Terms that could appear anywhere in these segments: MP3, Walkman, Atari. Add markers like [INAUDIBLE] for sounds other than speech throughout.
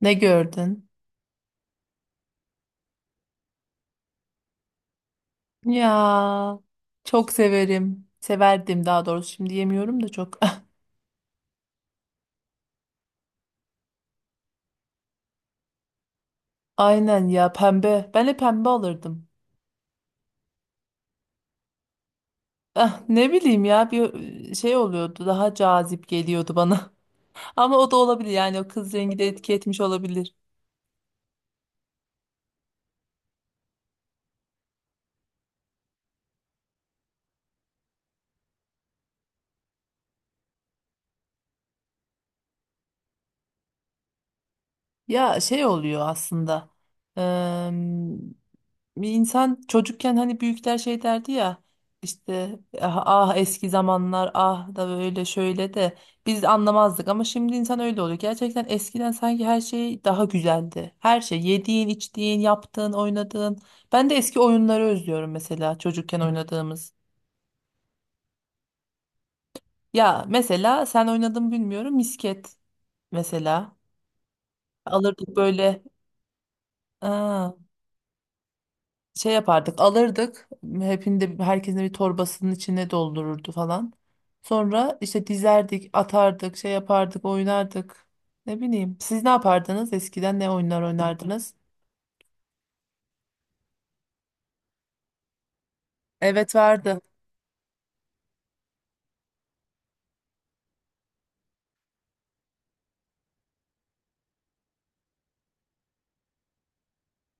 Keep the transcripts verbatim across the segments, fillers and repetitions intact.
Ne gördün? Ya çok severim. Severdim daha doğrusu. Şimdi yemiyorum da çok. [LAUGHS] Aynen ya pembe. Ben de pembe alırdım. Ah, ne bileyim ya bir şey oluyordu. Daha cazip geliyordu bana. [LAUGHS] Ama o da olabilir yani o kız rengi de etki etmiş olabilir. Ya şey oluyor aslında. Bir insan çocukken hani büyükler şey derdi ya işte ah, ah eski zamanlar ah da böyle şöyle de biz anlamazdık ama şimdi insan öyle oluyor. Gerçekten eskiden sanki her şey daha güzeldi. Her şey yediğin, içtiğin, yaptığın, oynadığın. Ben de eski oyunları özlüyorum mesela çocukken oynadığımız. Ya mesela sen oynadın mı bilmiyorum misket mesela. Alırdık böyle. Aa, şey yapardık alırdık hepinde herkesin bir torbasının içine doldururdu falan. Sonra işte dizerdik atardık şey yapardık oynardık ne bileyim siz ne yapardınız eskiden ne oyunlar oynardınız? Evet vardı.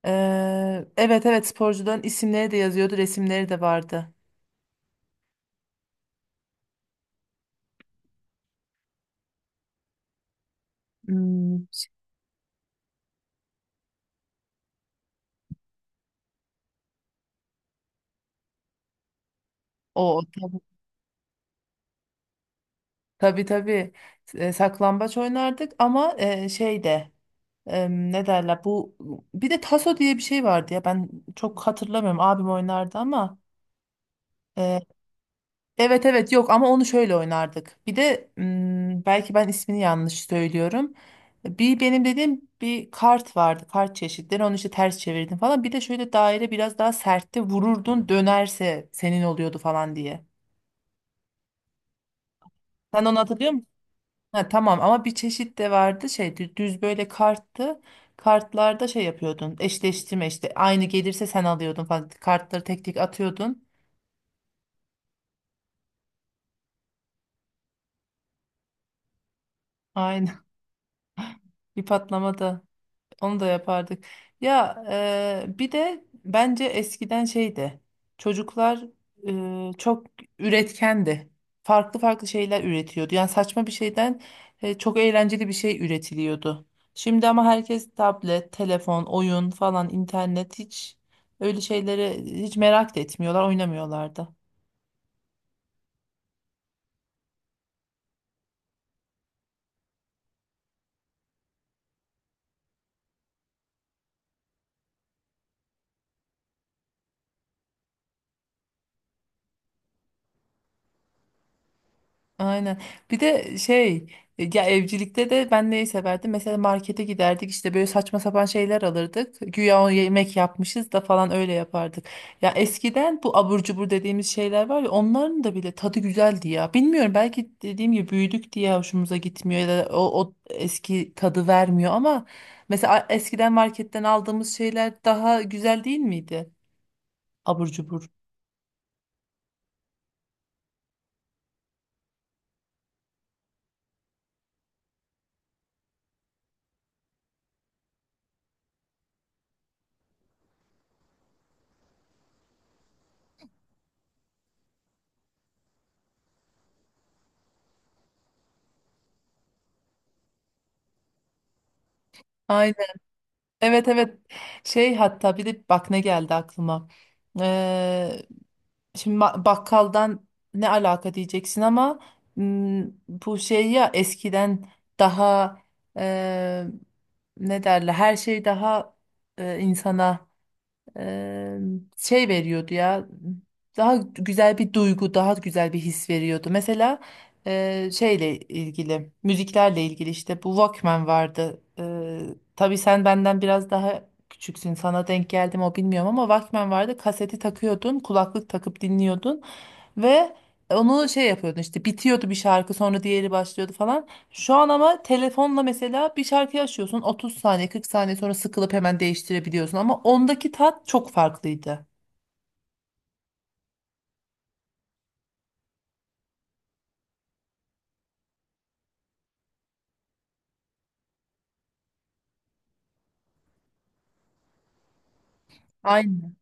Ee, evet evet sporcuların isimleri de yazıyordu resimleri de vardı. Hmm, o tabii tabii, tabii. E, saklambaç oynardık ama e, şey de e, ne derler bu bir de taso diye bir şey vardı ya ben çok hatırlamıyorum abim oynardı ama Ee, evet evet yok ama onu şöyle oynardık. Bir de mm, belki ben ismini yanlış söylüyorum. Bir benim dediğim bir kart vardı. Kart çeşitleri onu işte ters çevirdin falan. Bir de şöyle daire biraz daha sertti vururdun dönerse senin oluyordu falan diye. Sen onu hatırlıyor musun? Ha, tamam ama bir çeşit de vardı şey dü- düz böyle karttı. Kartlarda şey yapıyordun eşleştirme işte aynı gelirse sen alıyordun falan. Kartları tek tek atıyordun. Aynen [LAUGHS] bir patlamada. Onu da yapardık. Ya e, bir de bence eskiden şeydi. Çocuklar e, çok üretkendi. Farklı farklı şeyler üretiyordu. Yani saçma bir şeyden e, çok eğlenceli bir şey üretiliyordu. Şimdi ama herkes tablet, telefon, oyun falan, internet hiç öyle şeylere hiç merak da etmiyorlar, oynamıyorlar da. Aynen. Bir de şey e, ya evcilikte de ben neyi severdim? Mesela markete giderdik işte böyle saçma sapan şeyler alırdık. Güya o yemek yapmışız da falan öyle yapardık. Ya eskiden bu abur cubur dediğimiz şeyler var ya onların da bile tadı güzeldi ya. Bilmiyorum belki dediğim gibi büyüdük diye hoşumuza gitmiyor ya da o, o eski tadı vermiyor ama mesela eskiden marketten aldığımız şeyler daha güzel değil miydi? Abur cubur. Evet evet şey hatta bir de bak ne geldi aklıma. Ee, şimdi ba- bakkaldan ne alaka diyeceksin ama m, bu şey ya eskiden daha e, ne derler her şey daha e, insana Eee, şey veriyordu ya daha güzel bir duygu daha güzel bir his veriyordu mesela eee, şeyle ilgili müziklerle ilgili işte bu Walkman vardı. Tabi tabii sen benden biraz daha küçüksün sana denk geldim o bilmiyorum ama Walkman vardı kaseti takıyordun kulaklık takıp dinliyordun ve onu şey yapıyordun işte bitiyordu bir şarkı sonra diğeri başlıyordu falan şu an ama telefonla mesela bir şarkıyı açıyorsun otuz saniye kırk saniye sonra sıkılıp hemen değiştirebiliyorsun ama ondaki tat çok farklıydı. Aynen.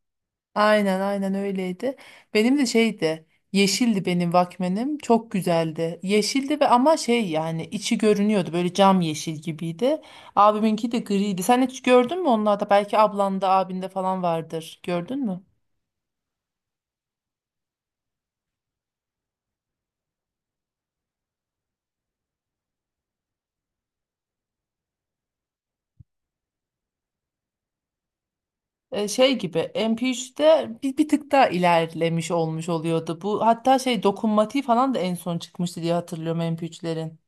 Aynen aynen öyleydi. Benim de şeydi yeşildi benim Walkman'im çok güzeldi. Yeşildi ve ama şey yani içi görünüyordu böyle cam yeşil gibiydi. Abiminki de griydi. Sen hiç gördün mü onlarda belki ablanda abinde falan vardır gördün mü? e, şey gibi M P üçte bir, bir tık daha ilerlemiş olmuş oluyordu. Bu hatta şey dokunmatiği falan da en son çıkmıştı diye hatırlıyorum M P üçlerin.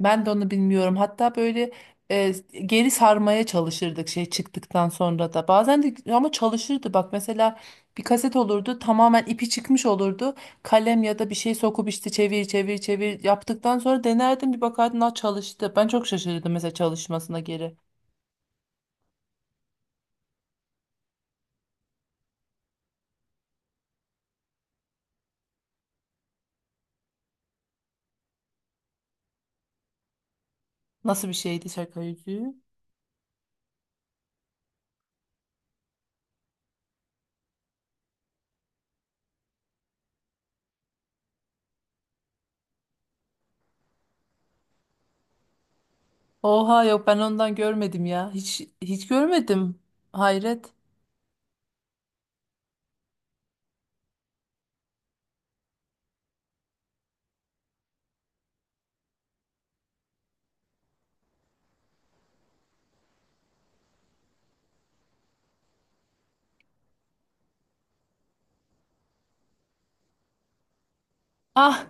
Ben de onu bilmiyorum. Hatta böyle e, geri sarmaya çalışırdık şey çıktıktan sonra da. Bazen de ama çalışırdı. Bak mesela bir kaset olurdu tamamen ipi çıkmış olurdu. Kalem ya da bir şey sokup işte çevir çevir çevir yaptıktan sonra denerdim bir bakardım "Aa, çalıştı. Ben çok şaşırdım mesela çalışmasına geri. Nasıl bir şeydi şaka yüzüğü? Oha yok ben ondan görmedim ya. Hiç hiç görmedim. Hayret. Ah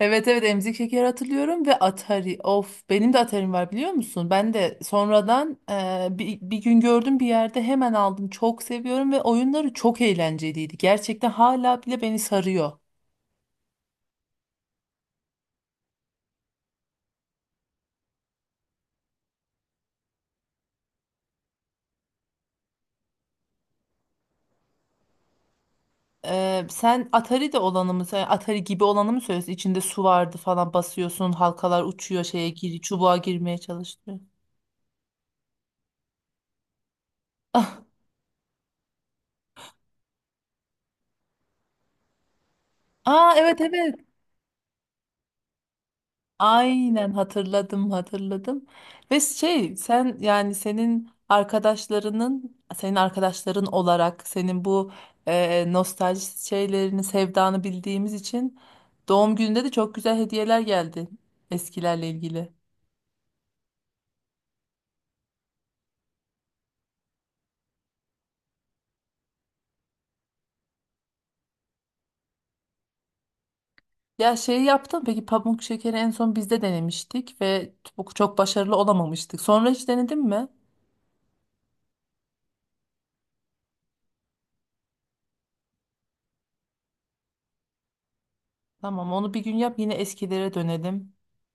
evet evet emzik şekeri hatırlıyorum ve Atari. Of benim de Atari'm var biliyor musun? Ben de sonradan e, bir, bir gün gördüm bir yerde hemen aldım. Çok seviyorum ve oyunları çok eğlenceliydi. Gerçekten hala bile beni sarıyor. E, sen Atari de olanı mı, sen Atari gibi olanı mı söylüyorsun? İçinde su vardı falan basıyorsun, halkalar uçuyor şeye gir, çubuğa girmeye çalışıyor. Ah, aa evet evet. Aynen hatırladım hatırladım. Ve şey sen yani senin arkadaşlarının senin arkadaşların olarak senin bu e, nostalji şeylerini sevdanı bildiğimiz için doğum gününde de çok güzel hediyeler geldi eskilerle ilgili. Ya şey yaptım peki pamuk şekeri en son bizde denemiştik ve çok çok başarılı olamamıştık. Sonra hiç denedin mi? Tamam onu bir gün yap yine eskilere dönelim.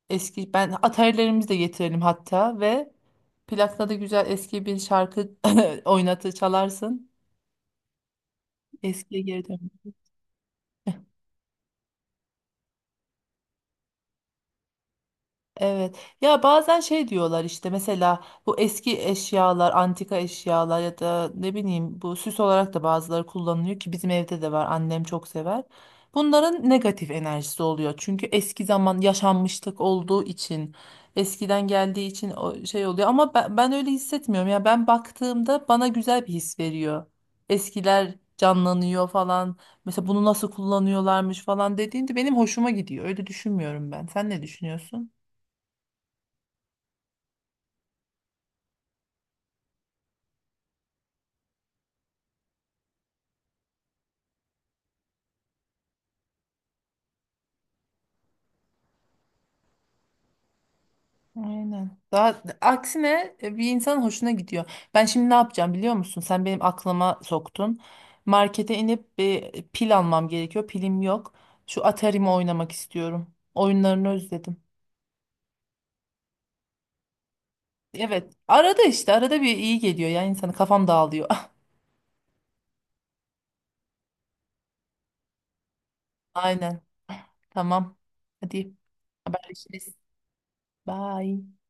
Eski ben atarilerimizi de getirelim hatta ve plakla da güzel eski bir şarkı [LAUGHS] oynatı çalarsın. Eskiye geri dön. Evet. Ya bazen şey diyorlar işte mesela bu eski eşyalar, antika eşyalar ya da ne bileyim bu süs olarak da bazıları kullanılıyor ki bizim evde de var. Annem çok sever. Bunların negatif enerjisi oluyor. Çünkü eski zaman yaşanmışlık olduğu için, eskiden geldiği için o şey oluyor ama ben, ben öyle hissetmiyorum. Ya ben baktığımda bana güzel bir his veriyor. Eskiler canlanıyor falan. Mesela bunu nasıl kullanıyorlarmış falan dediğinde benim hoşuma gidiyor. Öyle düşünmüyorum ben. Sen ne düşünüyorsun? Aynen. Daha aksine e, bir insanın hoşuna gidiyor. Ben şimdi ne yapacağım biliyor musun? Sen benim aklıma soktun. Markete inip bir pil almam gerekiyor. Pilim yok. Şu Atari'mi oynamak istiyorum. Oyunlarını özledim. Evet. Arada işte arada bir iyi geliyor ya insanı kafam dağılıyor. [LAUGHS] Aynen. Tamam. Hadi haberleşiriz. Bye.